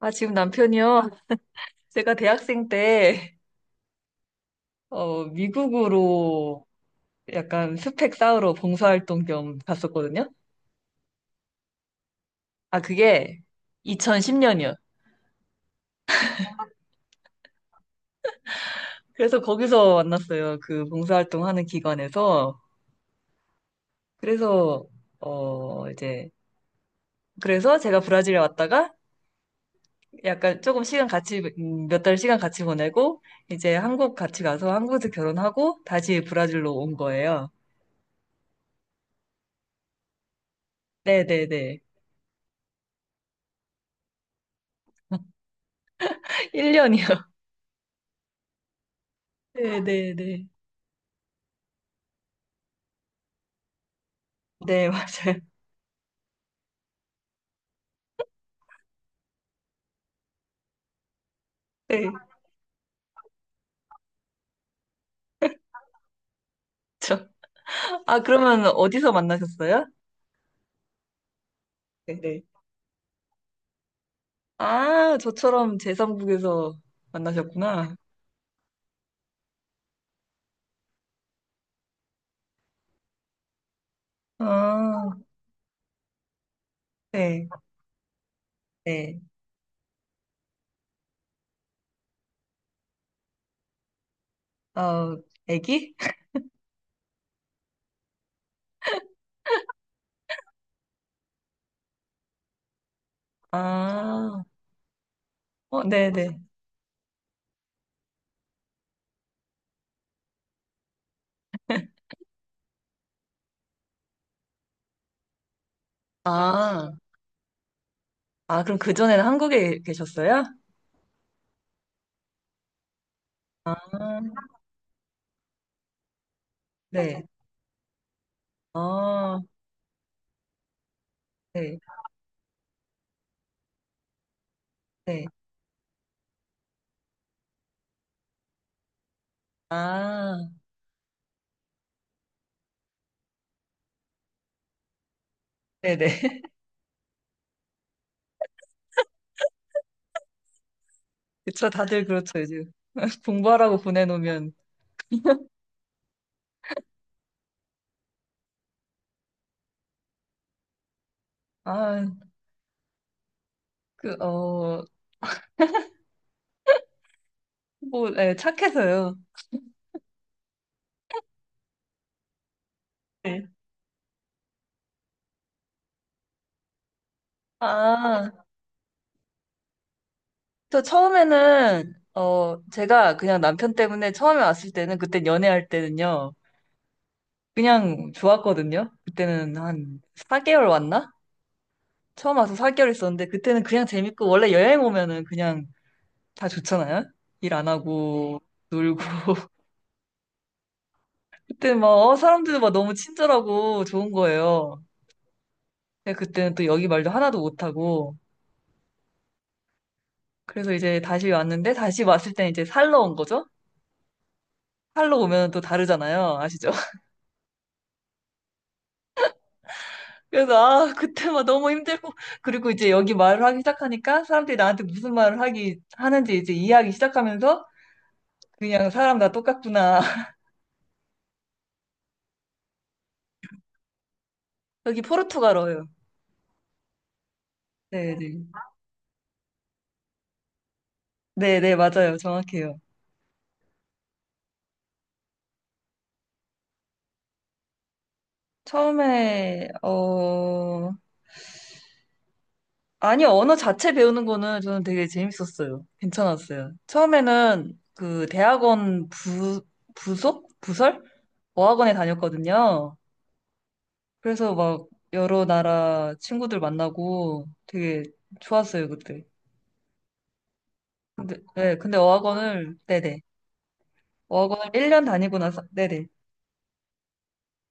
아, 지금 남편이요? 제가 대학생 때, 미국으로 약간 스펙 쌓으러 봉사활동 겸 갔었거든요? 아, 그게 2010년이요. 그래서 거기서 만났어요. 그 봉사활동 하는 기관에서. 그래서, 이제, 그래서 제가 브라질에 왔다가 약간 조금 시간 같이, 몇 달 시간 같이 보내고, 이제 한국 같이 가서 한국에서 결혼하고 다시 브라질로 온 거예요. 네네네. 1년이요. 네네네. 네, 네, 네. 네, 맞아요. 네. 저. 아, 그러면 어디서 만나셨어요? 네, 네. 아, 저처럼 제3국에서 만나셨구나. 아, 네, 네. 어, 애기? 아, 어, 네, 네. 아, 아, 그럼 그전에는 한국에 계셨어요? 아, 네. 아. 네, 네. 아, 네, 네. 그쵸, 다들 그렇죠, 요즘. 공부하라고 보내놓으면. 아, 그, 뭐, 네, 착해서요. 네. 아, 저 처음에는 제가 그냥 남편 때문에 처음에 왔을 때는 그때 연애할 때는요. 그냥 좋았거든요. 그때는 한 4개월 왔나? 처음 와서 4개월 있었는데 그때는 그냥 재밌고 원래 여행 오면은 그냥 다 좋잖아요. 일 안 하고 놀고 그때 막 사람들도 막 너무 친절하고 좋은 거예요. 근데 그때는 또 여기 말도 하나도 못하고 그래서 이제 다시 왔는데 다시 왔을 때 이제 살러 온 거죠. 살러 오면 또 다르잖아요. 아시죠? 그래서 그때만 너무 힘들고 그리고 이제 여기 말을 하기 시작하니까 사람들이 나한테 무슨 말을 하기 하는지 이제 이해하기 시작하면서 그냥 사람 다 똑같구나. 여기 포르투갈어예요. 네, 네. 네, 네, 맞아요. 정확해요. 처음에 아니 언어 자체 배우는 거는 저는 되게 재밌었어요. 괜찮았어요. 처음에는 그 대학원 부 부속 부설 어학원에 다녔거든요. 그래서 막 여러 나라 친구들 만나고 되게 좋았어요, 그때. 근데, 네, 근데 어학원을, 네네. 어학원을 1년 다니고 나서, 네네.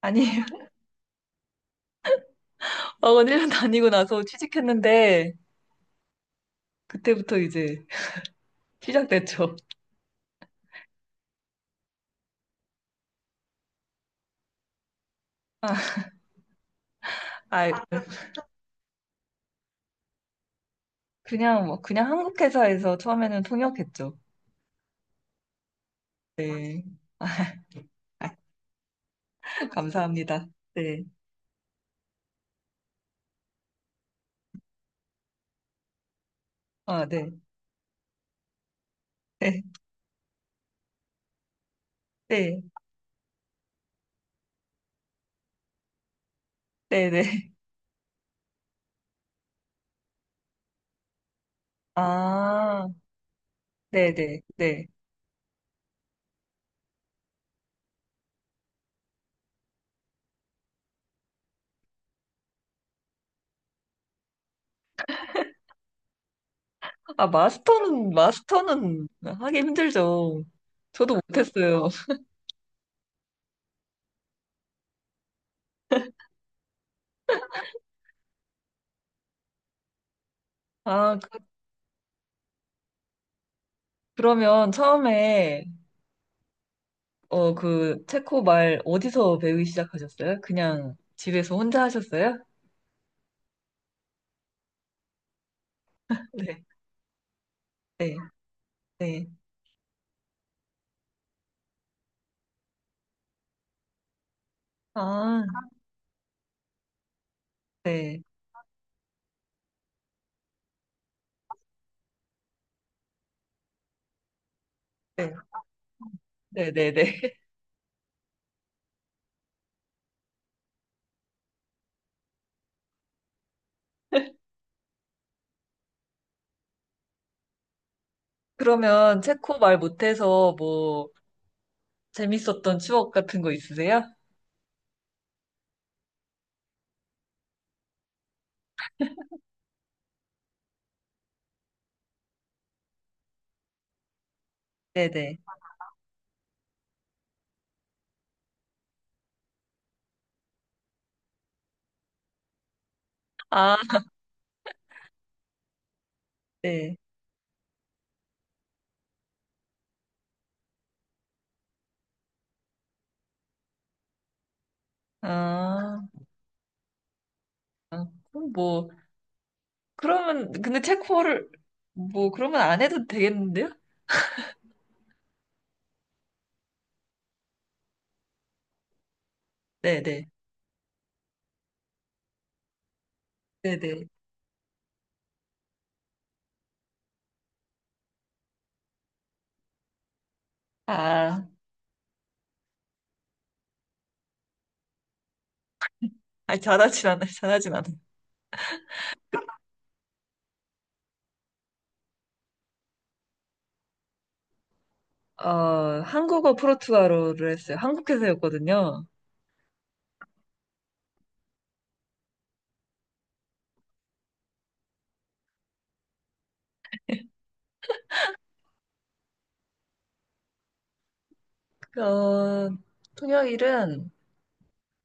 아니, 어학원 1년 다니고 나서 취직했는데, 그때부터 이제 시작됐죠. 아, 아, 그냥, 뭐, 그냥 한국 회사에서 처음에는 통역했죠. 네. 감사합니다. 네. 아, 네. 네. 네. 네네. 아, 네네. 네. 네. 아, 마스터는 하기 힘들죠. 저도 못했어요. 아, 그, 그러면 처음에, 그, 체코 말 어디서 배우기 시작하셨어요? 그냥 집에서 혼자 하셨어요? 네, 네, 네. 아, 네, 네, 네, 네, 네. 그러면 체코 말 못해서 뭐, 재밌었던 추억 같은 거 있으세요? 네, 네. 아, 네. 아, 그럼 뭐, 그러면, 근데 체코를, 뭐, 그러면 안 해도 되겠는데요? 네네. 네네. 아, 아 잘하진 않아요. 잘하진 않아요. 한국어 프로투아로를 했어요. 한국 회사였거든요. 어, 통역일은,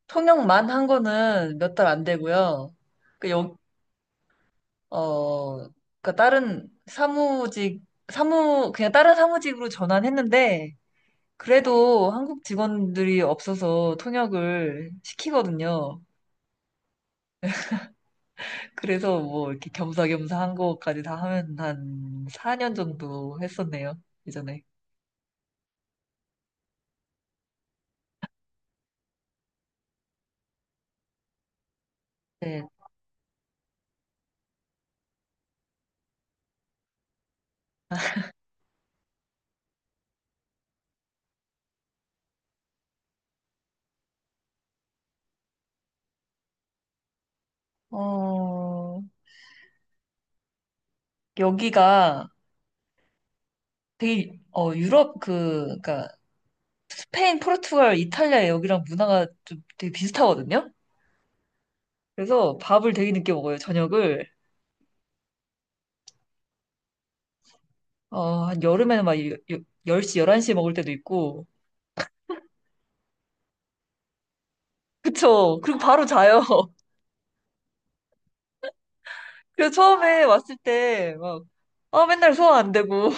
통역만 한 거는 몇 달 안 되고요. 그, 어, 그니까 다른 사무직, 그냥 다른 사무직으로 전환했는데, 그래도 한국 직원들이 없어서 통역을 시키거든요. 그래서 뭐 이렇게 겸사겸사 한 거까지 다 하면 한 4년 정도 했었네요, 예전에. 네. 어, 여기가 되게, 유럽 그, 그러니까 스페인, 포르투갈, 이탈리아 여기랑 문화가 좀 되게 비슷하거든요? 그래서 밥을 되게 늦게 먹어요, 저녁을. 한 여름에는 막 10시, 11시에 먹을 때도 있고. 그쵸. 그리고 바로 자요. 그래서 처음에 왔을 때 막, 아, 맨날 소화 안 되고.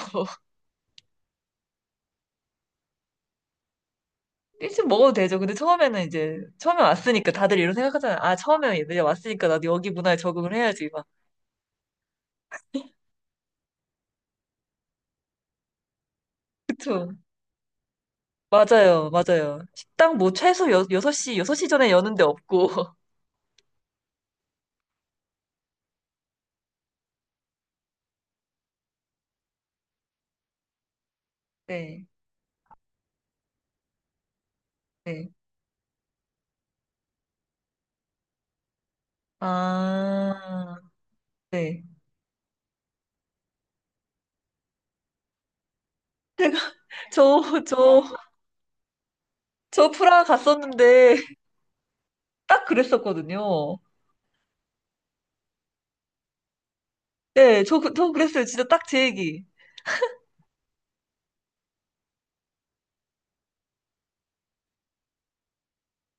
일찍 먹어도 되죠. 근데 처음에는 이제, 처음에 왔으니까 다들 이런 생각하잖아요. 아, 처음에 얘들이 왔으니까 나도 여기 문화에 적응을 해야지, 막. 그쵸. 맞아요, 맞아요. 식당 뭐 최소 6시, 6시 전에 여는 데 없고. 네, 네. 아, 네. 저, 저, 저 프라하 갔었는데, 딱 그랬었거든요. 네, 저 그랬어요. 진짜 딱 제 얘기.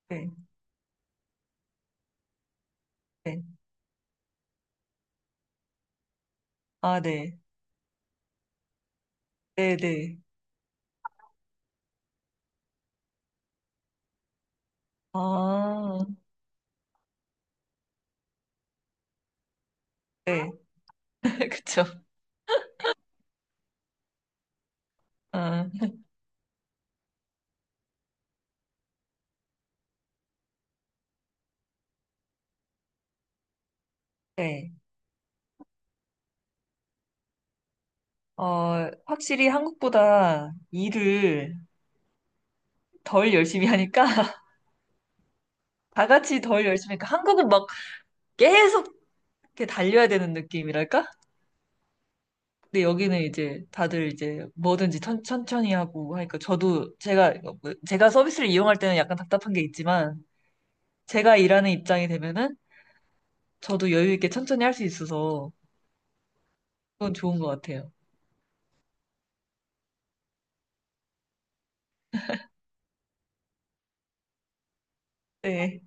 네, 네. 아, 네. 네, 네. 아, 네. 그쵸. 아, 네. 확실히 한국보다 일을 덜 열심히 하니까 다 같이 덜 열심히 하니까 한국은 막 계속 이렇게 달려야 되는 느낌이랄까? 근데 여기는 이제 다들 이제 뭐든지 천히 하고 하니까 저도 제가 서비스를 이용할 때는 약간 답답한 게 있지만 제가 일하는 입장이 되면은 저도 여유 있게 천천히 할 수 있어서 그건 좋은 것 같아요. 네.